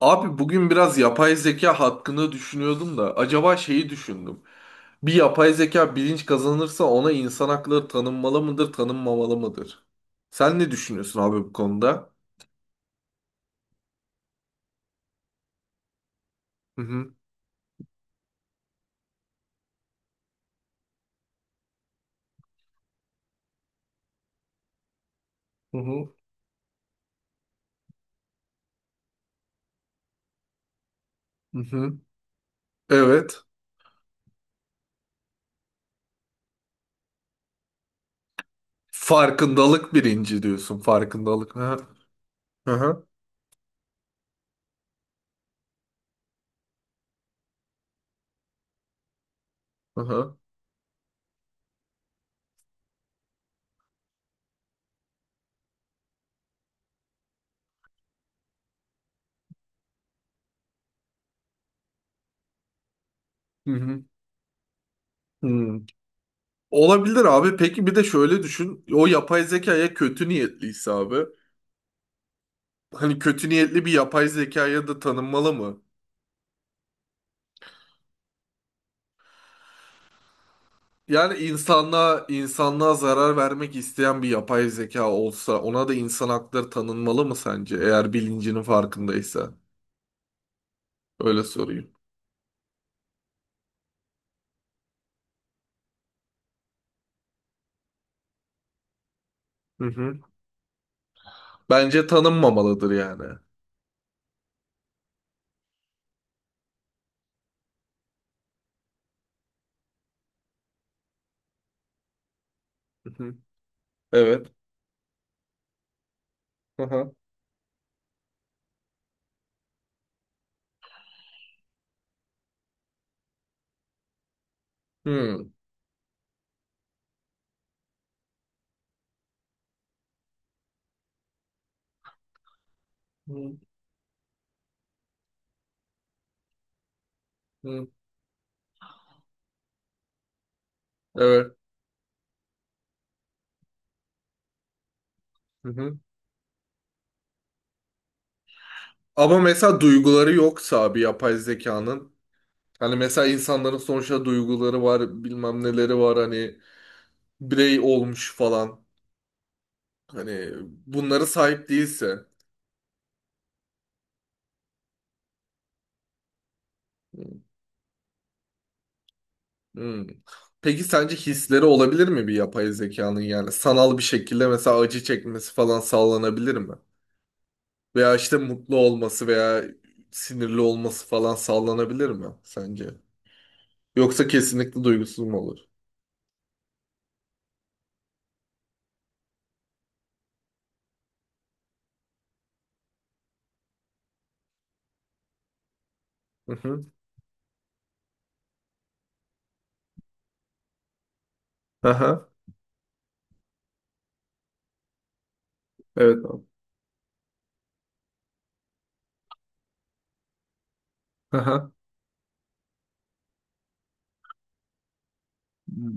Abi bugün biraz yapay zeka hakkında düşünüyordum da acaba şeyi düşündüm. Bir yapay zeka bilinç kazanırsa ona insan hakları tanınmalı mıdır, tanınmamalı mıdır? Sen ne düşünüyorsun abi bu konuda? Hı hı, hı hı. hı hı. Evet. Farkındalık birinci diyorsun. Farkındalık. Hı hı, hı hı, hı hı. Hı hı. Hı. Olabilir abi. Peki bir de şöyle düşün. O yapay zekaya kötü niyetliyse abi. Hani kötü niyetli bir yapay zekaya da tanınmalı mı? Yani insanlığa zarar vermek isteyen bir yapay zeka olsa ona da insan hakları tanınmalı mı sence? Eğer bilincinin farkındaysa. Öyle sorayım. Hı hı. Bence tanınmamalıdır yani. Hı hı. Evet. Hı hı. Hı. Hı hı. Evet. Hı hı. Ama mesela duyguları yoksa bir yapay zekanın, hani mesela insanların sonuçta duyguları var, bilmem neleri var, hani birey olmuş falan. Hani bunları sahip değilse. Hmm. Peki sence hisleri olabilir mi bir yapay zekanın, yani sanal bir şekilde mesela acı çekmesi falan sağlanabilir mi? Veya işte mutlu olması veya sinirli olması falan sağlanabilir mi sence? Yoksa kesinlikle duygusuz mu olur? Hı hı. Aha. Evet abi. Aha. Hı hı.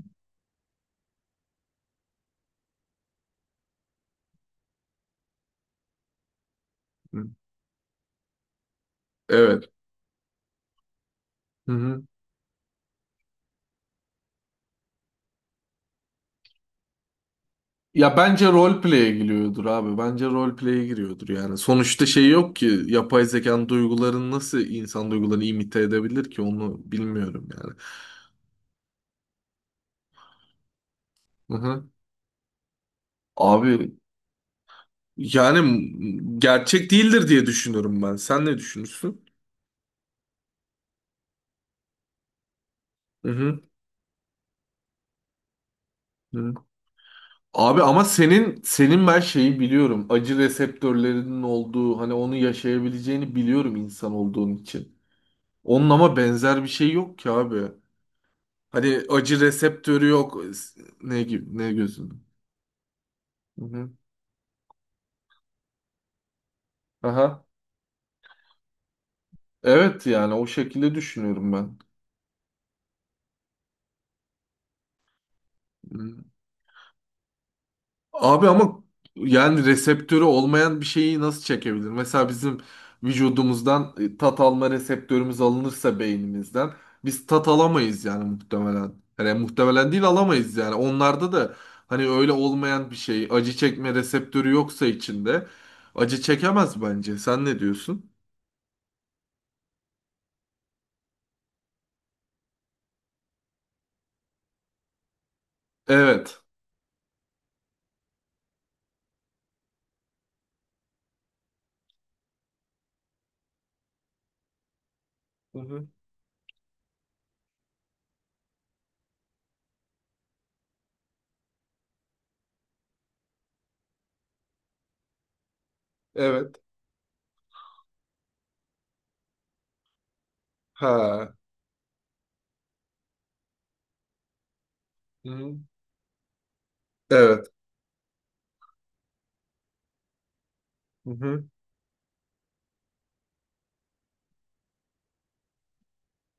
Hmm. Evet. Hı hı. Ya bence roleplay'e giriyordur abi. Bence roleplay'e giriyordur yani. Sonuçta şey yok ki, yapay zekanın duygularını nasıl insan duygularını imite edebilir ki, onu bilmiyorum yani. Hı hı. Abi yani gerçek değildir diye düşünüyorum ben. Sen ne düşünürsün? Hı hı. hı. Abi ama senin ben şeyi biliyorum. Acı reseptörlerinin olduğu, hani onu yaşayabileceğini biliyorum insan olduğun için. Onun ama benzer bir şey yok ki abi. Hani acı reseptörü yok. Ne gibi, ne gözünde. Hı hı. Aha. Evet yani o şekilde düşünüyorum ben. Abi ama yani reseptörü olmayan bir şeyi nasıl çekebilir? Mesela bizim vücudumuzdan tat alma reseptörümüz alınırsa beynimizden biz tat alamayız yani muhtemelen. Yani muhtemelen değil, alamayız yani. Onlarda da hani öyle olmayan bir şey, acı çekme reseptörü yoksa içinde acı çekemez bence. Sen ne diyorsun? Evet. Hı hı. Evet. Ha. Hı hı. Evet. Hı hı.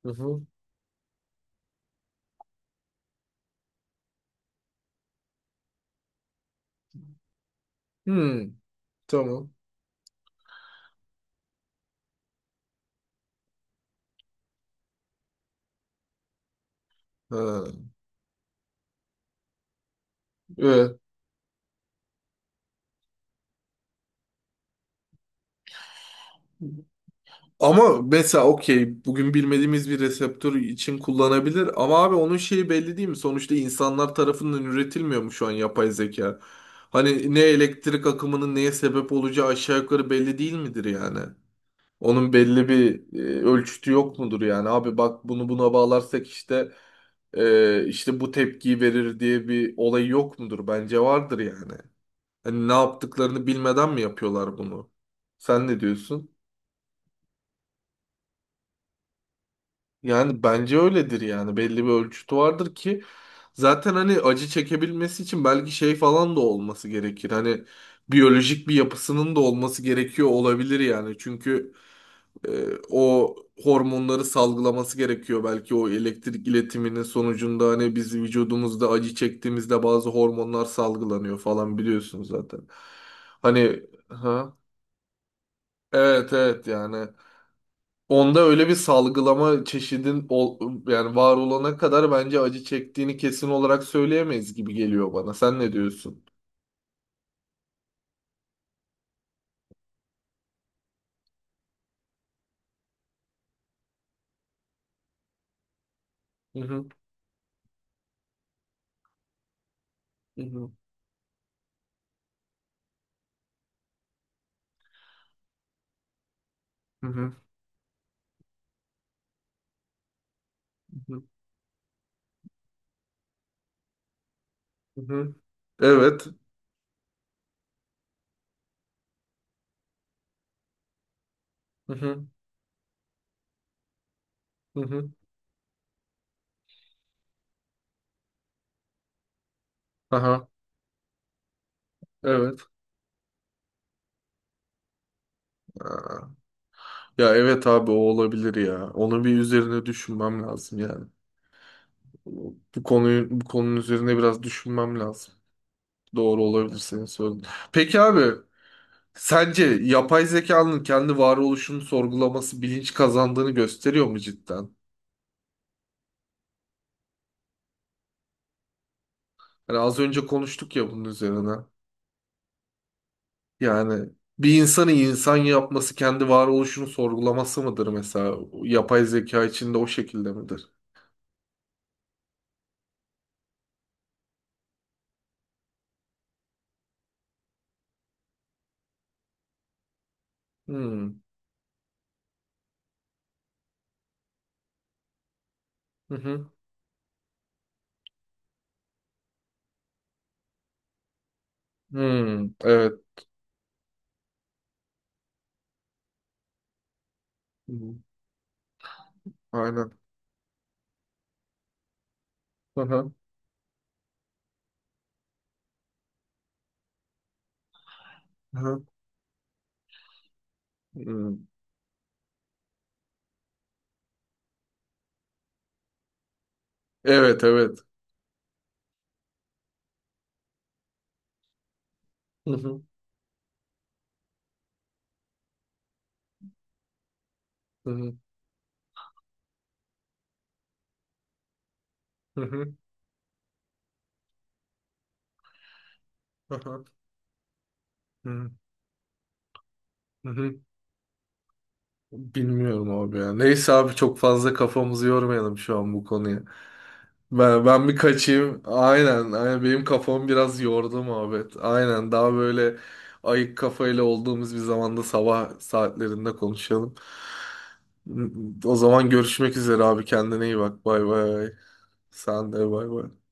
Hı hı. Hmm. Tamam. Ha. Evet. Ama mesela okey, bugün bilmediğimiz bir reseptör için kullanabilir ama abi onun şeyi belli değil mi? Sonuçta insanlar tarafından üretilmiyor mu şu an yapay zeka? Hani ne elektrik akımının neye sebep olacağı aşağı yukarı belli değil midir yani? Onun belli bir ölçütü yok mudur yani? Abi bak, bunu buna bağlarsak işte işte bu tepkiyi verir diye bir olay yok mudur? Bence vardır yani. Hani ne yaptıklarını bilmeden mi yapıyorlar bunu? Sen ne diyorsun? Yani bence öyledir yani, belli bir ölçütü vardır ki zaten, hani acı çekebilmesi için belki şey falan da olması gerekir. Hani biyolojik bir yapısının da olması gerekiyor olabilir yani. Çünkü e, o hormonları salgılaması gerekiyor belki o elektrik iletiminin sonucunda, hani biz vücudumuzda acı çektiğimizde bazı hormonlar salgılanıyor falan, biliyorsunuz zaten. Hani ha, evet evet yani. Onda öyle bir salgılama yani var olana kadar bence acı çektiğini kesin olarak söyleyemeyiz gibi geliyor bana. Sen ne diyorsun? Hı hı, hı hı, hı hı, hı hı. hı hı. Evet. Hı hı, hı hı. Aha, evet. Ya evet abi, o olabilir ya. Onun bir üzerine düşünmem lazım yani. Bu konunun üzerine biraz düşünmem lazım. Doğru olabilir senin söylediğin. Peki abi, sence yapay zekanın kendi varoluşunu sorgulaması bilinç kazandığını gösteriyor mu cidden? Hani az önce konuştuk ya bunun üzerine. Yani bir insanı insan yapması kendi varoluşunu sorgulaması mıdır mesela? Yapay zeka içinde o şekilde midir? Hmm. Hı hı. Hmm. Evet. Hı hı. Aynen. Hı hı. Hı hı. Hmm. Evet, evet. Hı hı. Hı hı. Hı hı. Hı hı. Hı hı. Bilmiyorum abi ya. Neyse abi, çok fazla kafamızı yormayalım şu an bu konuya. Ben bir kaçayım. Aynen, aynen. Benim kafam biraz yordu muhabbet. Aynen. Daha böyle ayık kafayla olduğumuz bir zamanda, sabah saatlerinde konuşalım. O zaman görüşmek üzere abi. Kendine iyi bak. Bay bay. Sen de bay bay.